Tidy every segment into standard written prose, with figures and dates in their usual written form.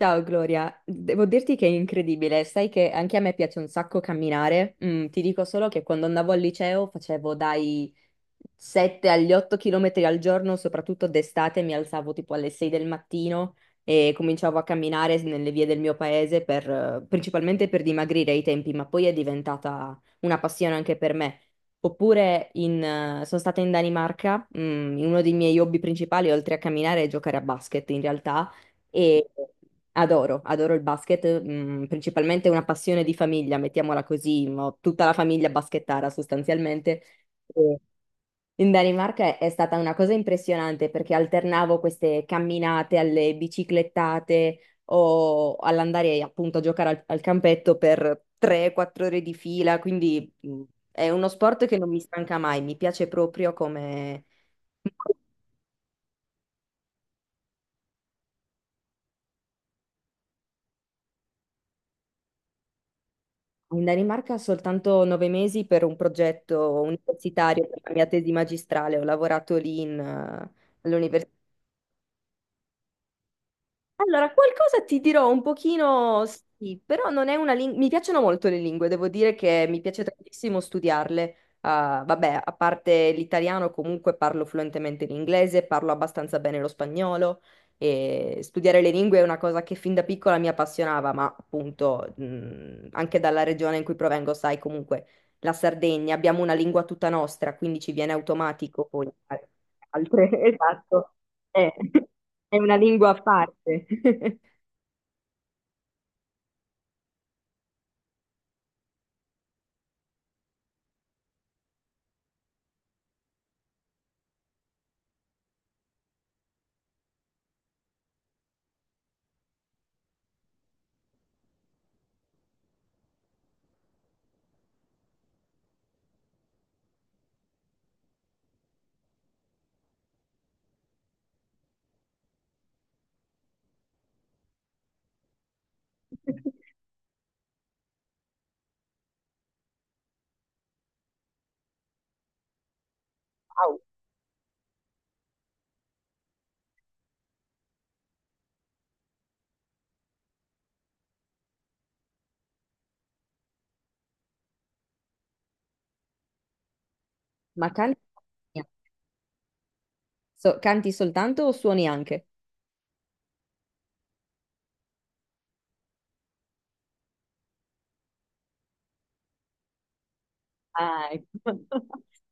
Ciao Gloria, devo dirti che è incredibile, sai che anche a me piace un sacco camminare. Ti dico solo che quando andavo al liceo facevo dai 7 agli 8 km al giorno, soprattutto d'estate, mi alzavo tipo alle 6 del mattino e cominciavo a camminare nelle vie del mio paese per, principalmente per dimagrire ai tempi, ma poi è diventata una passione anche per me. Oppure sono stata in Danimarca. Uno dei miei hobby principali, oltre a camminare, è giocare a basket in realtà e adoro, adoro il basket. Principalmente è una passione di famiglia, mettiamola così, ho tutta la famiglia basketara sostanzialmente. In Danimarca è stata una cosa impressionante perché alternavo queste camminate alle biciclettate o all'andare appunto a giocare al campetto per 3-4 ore di fila, quindi è uno sport che non mi stanca mai, mi piace proprio come... In Danimarca soltanto 9 mesi per un progetto universitario per la mia tesi magistrale, ho lavorato lì all'università. Allora, qualcosa ti dirò un pochino, sì, però non è una lingua. Mi piacciono molto le lingue, devo dire che mi piace tantissimo studiarle. Ah, vabbè, a parte l'italiano, comunque parlo fluentemente l'inglese, parlo abbastanza bene lo spagnolo e studiare le lingue è una cosa che fin da piccola mi appassionava, ma appunto, anche dalla regione in cui provengo, sai, comunque la Sardegna, abbiamo una lingua tutta nostra, quindi ci viene automatico poi fare altre. Esatto. Eh. È una lingua a parte. Wow, ma canti, canti soltanto o suoni anche? Ah, ecco.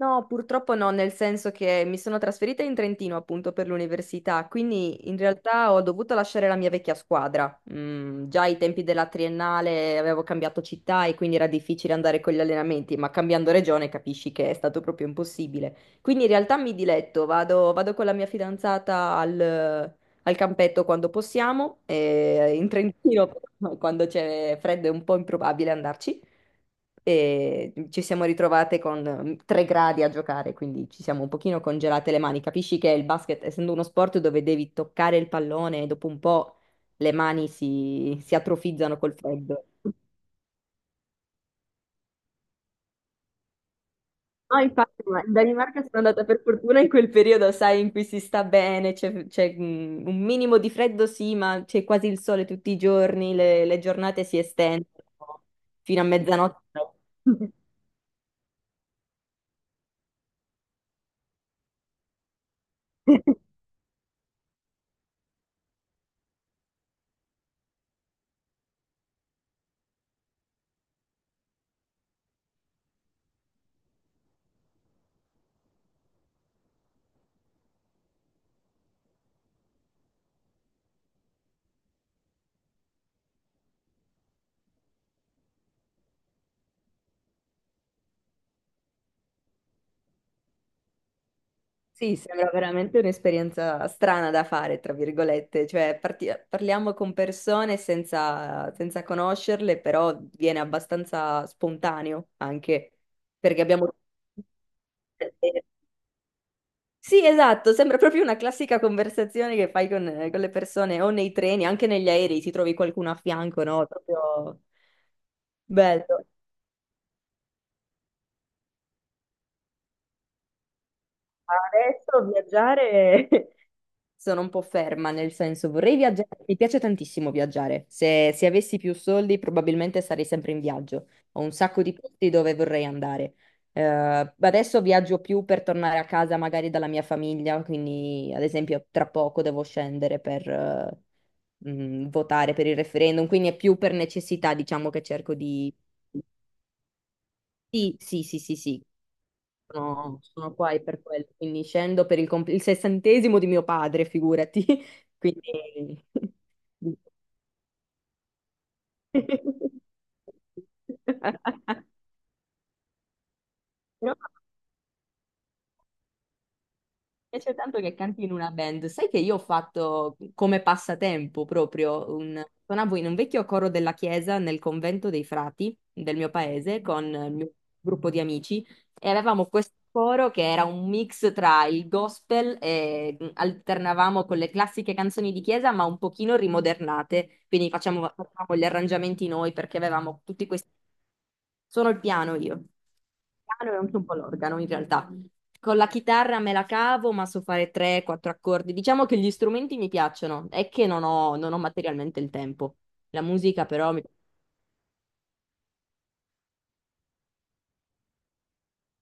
No, purtroppo no, nel senso che mi sono trasferita in Trentino appunto per l'università, quindi in realtà ho dovuto lasciare la mia vecchia squadra. Mm, già ai tempi della triennale avevo cambiato città e quindi era difficile andare con gli allenamenti, ma cambiando regione capisci che è stato proprio impossibile. Quindi in realtà mi diletto, vado con la mia fidanzata al campetto quando possiamo, e in Trentino quando c'è freddo è un po' improbabile andarci e ci siamo ritrovate con 3 gradi a giocare, quindi ci siamo un pochino congelate le mani. Capisci che il basket, essendo uno sport dove devi toccare il pallone, dopo un po' le mani si atrofizzano col freddo. No, infatti, ma in Danimarca sono andata per fortuna in quel periodo, sai, in cui si sta bene, c'è, un minimo di freddo, sì, ma c'è quasi il sole tutti i giorni, le giornate si estendono fino a mezzanotte. Sì, sembra veramente un'esperienza strana da fare, tra virgolette, cioè parliamo con persone senza conoscerle, però viene abbastanza spontaneo anche, perché abbiamo... Sì, esatto, sembra proprio una classica conversazione che fai con le persone o nei treni, anche negli aerei, ti trovi qualcuno a fianco, no? Proprio bello. Adesso viaggiare. Sono un po' ferma, nel senso vorrei viaggiare, mi piace tantissimo viaggiare. Se avessi più soldi probabilmente sarei sempre in viaggio. Ho un sacco di posti dove vorrei andare. Adesso viaggio più per tornare a casa magari dalla mia famiglia, quindi ad esempio tra poco devo scendere per votare per il referendum, quindi è più per necessità, diciamo che cerco di... Sì, sì, sì, sì, sì, sono, sono qua e per quello, quindi scendo per il 60° di mio padre, figurati. Quindi... Però mi piace tanto che canti in una band. Sai che io ho fatto come passatempo proprio un... Suonavo in un vecchio coro della chiesa nel convento dei frati del mio paese con il mio gruppo di amici e avevamo questo coro che era un mix tra il gospel e alternavamo con le classiche canzoni di chiesa, ma un pochino rimodernate, quindi facciamo, facevamo gli arrangiamenti noi perché avevamo tutti questi... Sono il piano io, il piano e anche un po' l'organo in realtà. Con la chitarra me la cavo, ma so fare 3-4 accordi. Diciamo che gli strumenti mi piacciono, è che non ho, non ho materialmente il tempo. La musica però mi...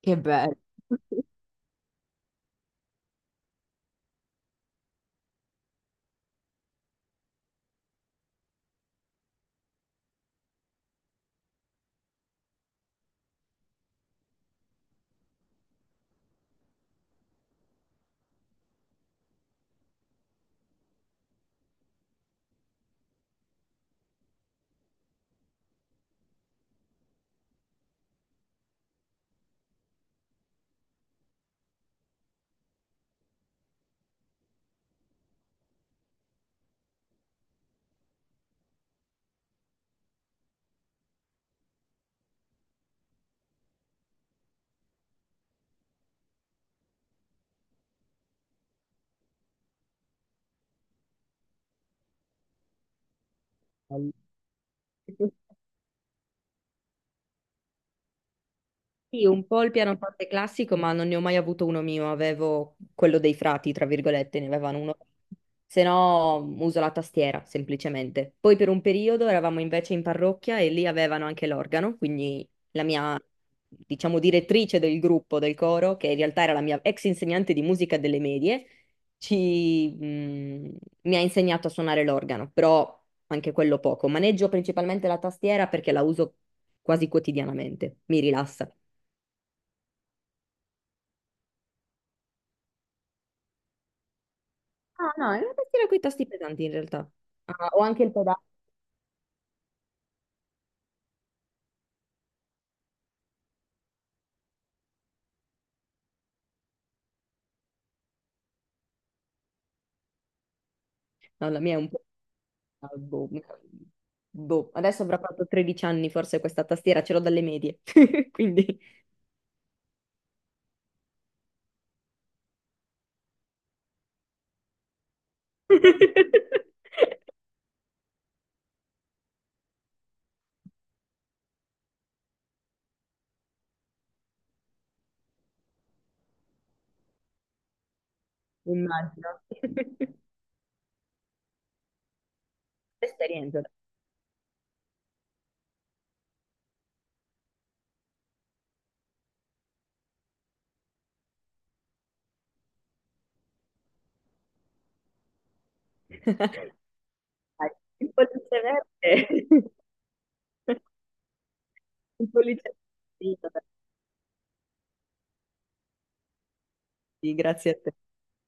Che bello! Bello. Sì, un po' il pianoforte classico, ma non ne ho mai avuto uno mio, avevo quello dei frati, tra virgolette, ne avevano uno. Se no uso la tastiera, semplicemente. Poi per un periodo eravamo invece in parrocchia e lì avevano anche l'organo, quindi la mia, diciamo, direttrice del gruppo, del coro, che in realtà era la mia ex insegnante di musica delle medie, ci, mh, mi ha insegnato a suonare l'organo, però anche quello poco. Maneggio principalmente la tastiera perché la uso quasi quotidianamente, mi rilassa. Ah, no, è una tastiera con i tasti pesanti in realtà. Ah, ho anche il pedale. No, la mia è un po'... Ah, boh, boh. Adesso avrà fatto 13 anni forse questa tastiera, ce l'ho dalle medie, quindi... Immagino. Esperienza. Dai, il pollice verde. Il pollice... Sì, vabbè, sì, grazie a te.